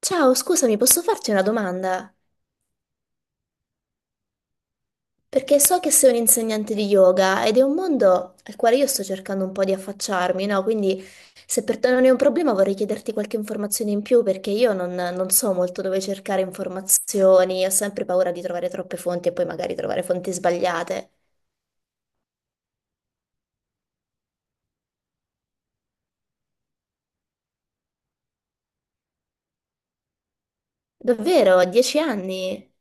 Ciao, scusami, posso farti una domanda? Perché so che sei un insegnante di yoga ed è un mondo al quale io sto cercando un po' di affacciarmi, no? Quindi se per te non è un problema vorrei chiederti qualche informazione in più perché io non so molto dove cercare informazioni, ho sempre paura di trovare troppe fonti e poi magari trovare fonti sbagliate. Davvero? Dieci anni?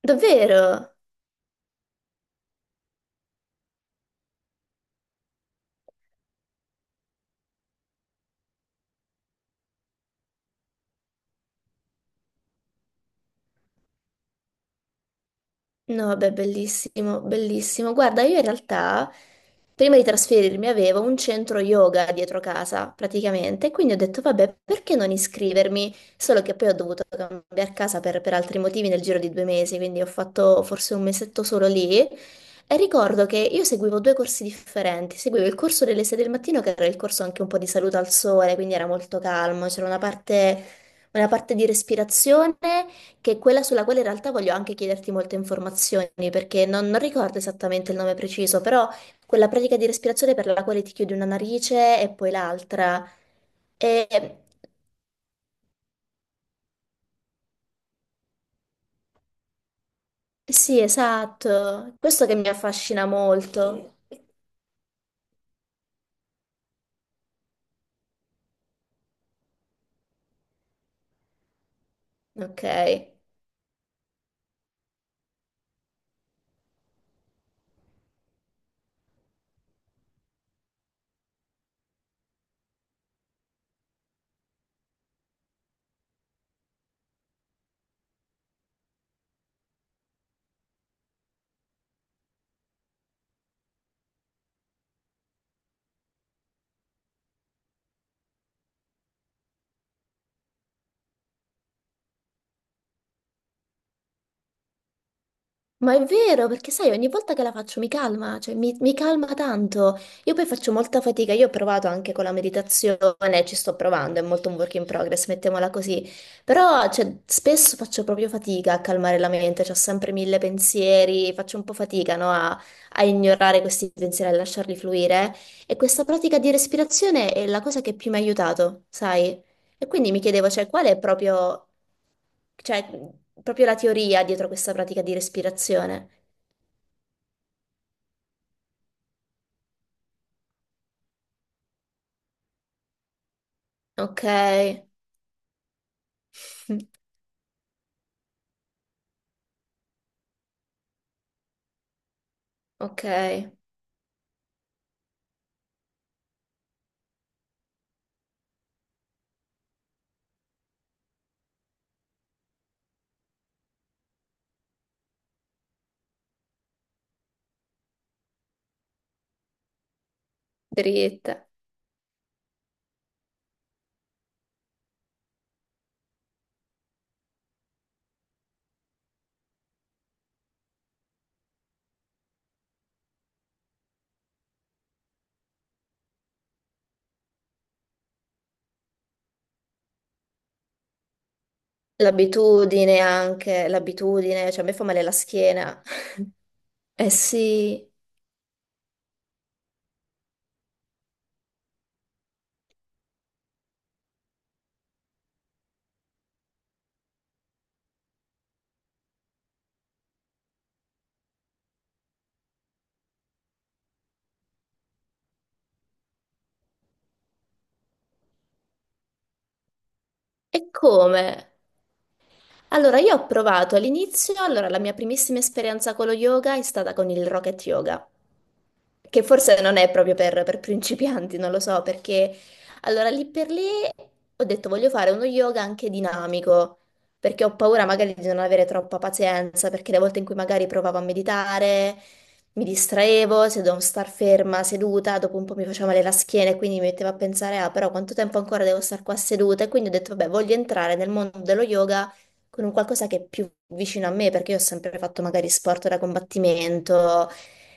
Davvero? No, beh, bellissimo, bellissimo. Guarda, io in realtà prima di trasferirmi avevo un centro yoga dietro casa, praticamente, quindi ho detto, vabbè, perché non iscrivermi? Solo che poi ho dovuto cambiare casa per altri motivi nel giro di due mesi, quindi ho fatto forse un mesetto solo lì. E ricordo che io seguivo due corsi differenti, seguivo il corso delle 6 del mattino, che era il corso anche un po' di salute al sole, quindi era molto calmo, c'era una parte di respirazione che è quella sulla quale in realtà voglio anche chiederti molte informazioni, perché non ricordo esattamente il nome preciso, però quella pratica di respirazione per la quale ti chiudi una narice e poi l'altra. E- Sì, esatto, questo che mi affascina molto. Ok. Ma è vero, perché sai, ogni volta che la faccio mi calma, cioè mi calma tanto. Io poi faccio molta fatica, io ho provato anche con la meditazione, ci sto provando, è molto un work in progress, mettiamola così. Però, cioè, spesso faccio proprio fatica a calmare la mente, ho sempre mille pensieri, faccio un po' fatica, no, a ignorare questi pensieri, a lasciarli fluire. E questa pratica di respirazione è la cosa che più mi ha aiutato, sai? E quindi mi chiedevo, cioè, qual è proprio, cioè, proprio la teoria dietro questa pratica di respirazione? Ok, ok, dritta. L'abitudine anche, l'abitudine, cioè a me fa male la schiena. Eh sì, e come? Allora, io ho provato all'inizio, allora la mia primissima esperienza con lo yoga è stata con il Rocket Yoga, che forse non è proprio per principianti, non lo so, perché allora lì per lì ho detto voglio fare uno yoga anche dinamico, perché ho paura magari di non avere troppa pazienza, perché le volte in cui magari provavo a meditare mi distraevo, se dovevo star ferma, seduta, dopo un po' mi faceva male la schiena e quindi mi mettevo a pensare, ah, però quanto tempo ancora devo star qua seduta? E quindi ho detto, vabbè, voglio entrare nel mondo dello yoga con un qualcosa che è più vicino a me, perché io ho sempre fatto magari sport da combattimento,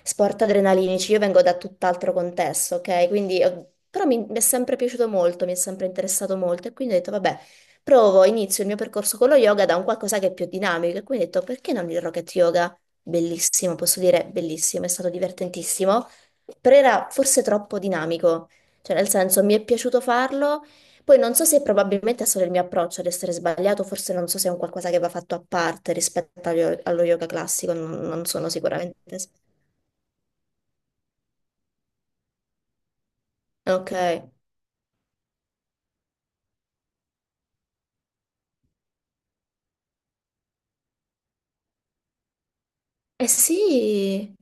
sport adrenalinici. Io vengo da tutt'altro contesto, ok? Quindi, però mi è sempre piaciuto molto, mi è sempre interessato molto e quindi ho detto, vabbè, provo, inizio il mio percorso con lo yoga da un qualcosa che è più dinamico e quindi ho detto, perché non il rocket yoga? Bellissimo, posso dire bellissimo, è stato divertentissimo, però era forse troppo dinamico, cioè nel senso mi è piaciuto farlo. Poi non so se probabilmente è solo il mio approccio ad essere sbagliato, forse non so se è un qualcosa che va fatto a parte rispetto allo yoga classico, non sono sicuramente. Ok. Eh sì.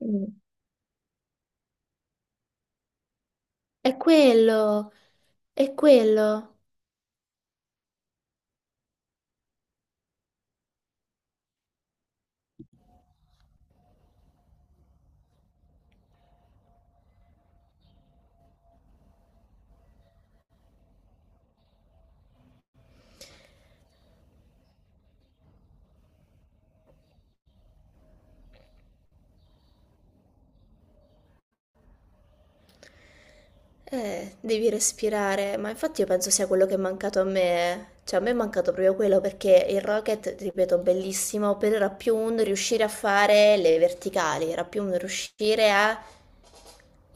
Mm. è quello, è quello. Devi respirare, ma infatti io penso sia quello che è mancato a me. Cioè, a me è mancato proprio quello perché il rocket, ripeto, bellissimo, però era più un riuscire a fare le verticali, era più un riuscire a.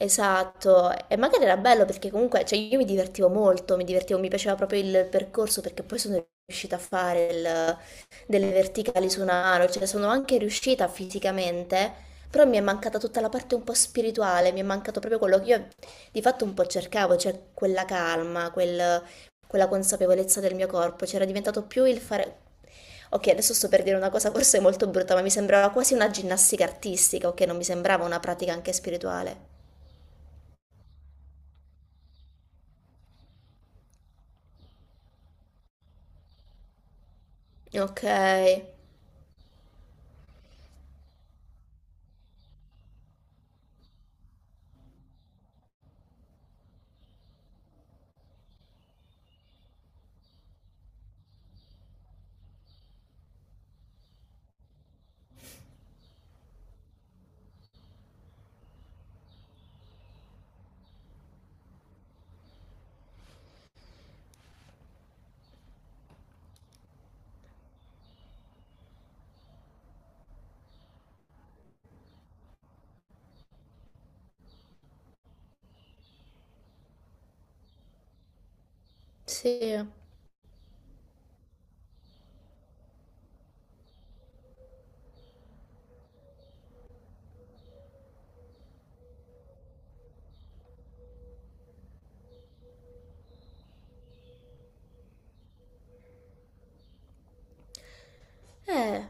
Esatto, e magari era bello perché comunque, cioè io mi divertivo molto, mi piaceva proprio il percorso perché poi sono riuscita a fare il- delle verticali su una mano, cioè sono anche riuscita fisicamente, però mi è mancata tutta la parte un po' spirituale, mi è mancato proprio quello che io di fatto un po' cercavo, cioè quella calma, quella consapevolezza del mio corpo, c'era diventato più il fare. Ok, adesso sto per dire una cosa forse molto brutta, ma mi sembrava quasi una ginnastica artistica, ok, non mi sembrava una pratica anche spirituale. Ok, sì. Eh,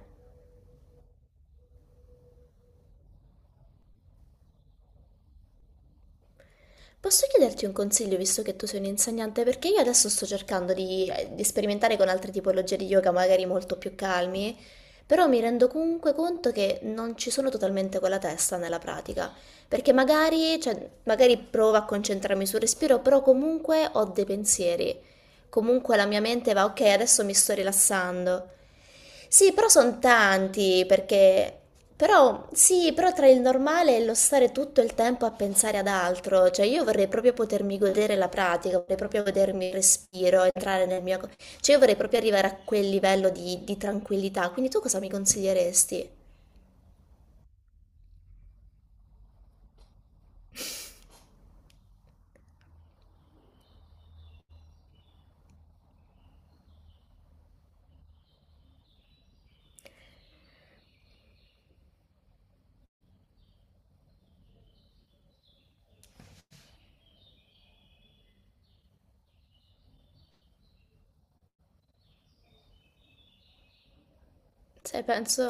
posso chiederti un consiglio visto che tu sei un insegnante? Perché io adesso sto cercando di sperimentare con altre tipologie di yoga, magari molto più calmi, però mi rendo comunque conto che non ci sono totalmente con la testa nella pratica, perché magari, cioè, magari provo a concentrarmi sul respiro, però comunque ho dei pensieri. Comunque la mia mente va, ok, adesso mi sto rilassando. Sì, però sono tanti perché. Però sì, però tra il normale e lo stare tutto il tempo a pensare ad altro, cioè io vorrei proprio potermi godere la pratica, vorrei proprio godermi il respiro, entrare nel mio. Cioè io vorrei proprio arrivare a quel livello di tranquillità, quindi tu cosa mi consiglieresti? Sai, penso.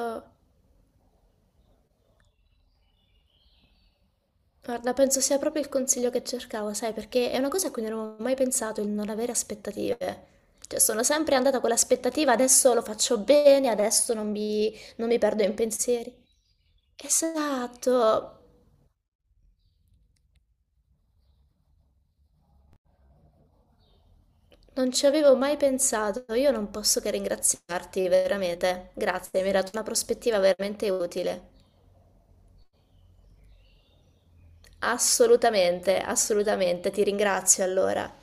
Guarda, penso sia proprio il consiglio che cercavo, sai, perché è una cosa a cui non avevo mai pensato, il non avere aspettative. Cioè, sono sempre andata con l'aspettativa, adesso lo faccio bene, adesso non mi perdo in pensieri. Esatto. Non ci avevo mai pensato, io non posso che ringraziarti veramente. Grazie, mi hai dato una prospettiva veramente utile. Assolutamente, assolutamente, ti ringrazio allora.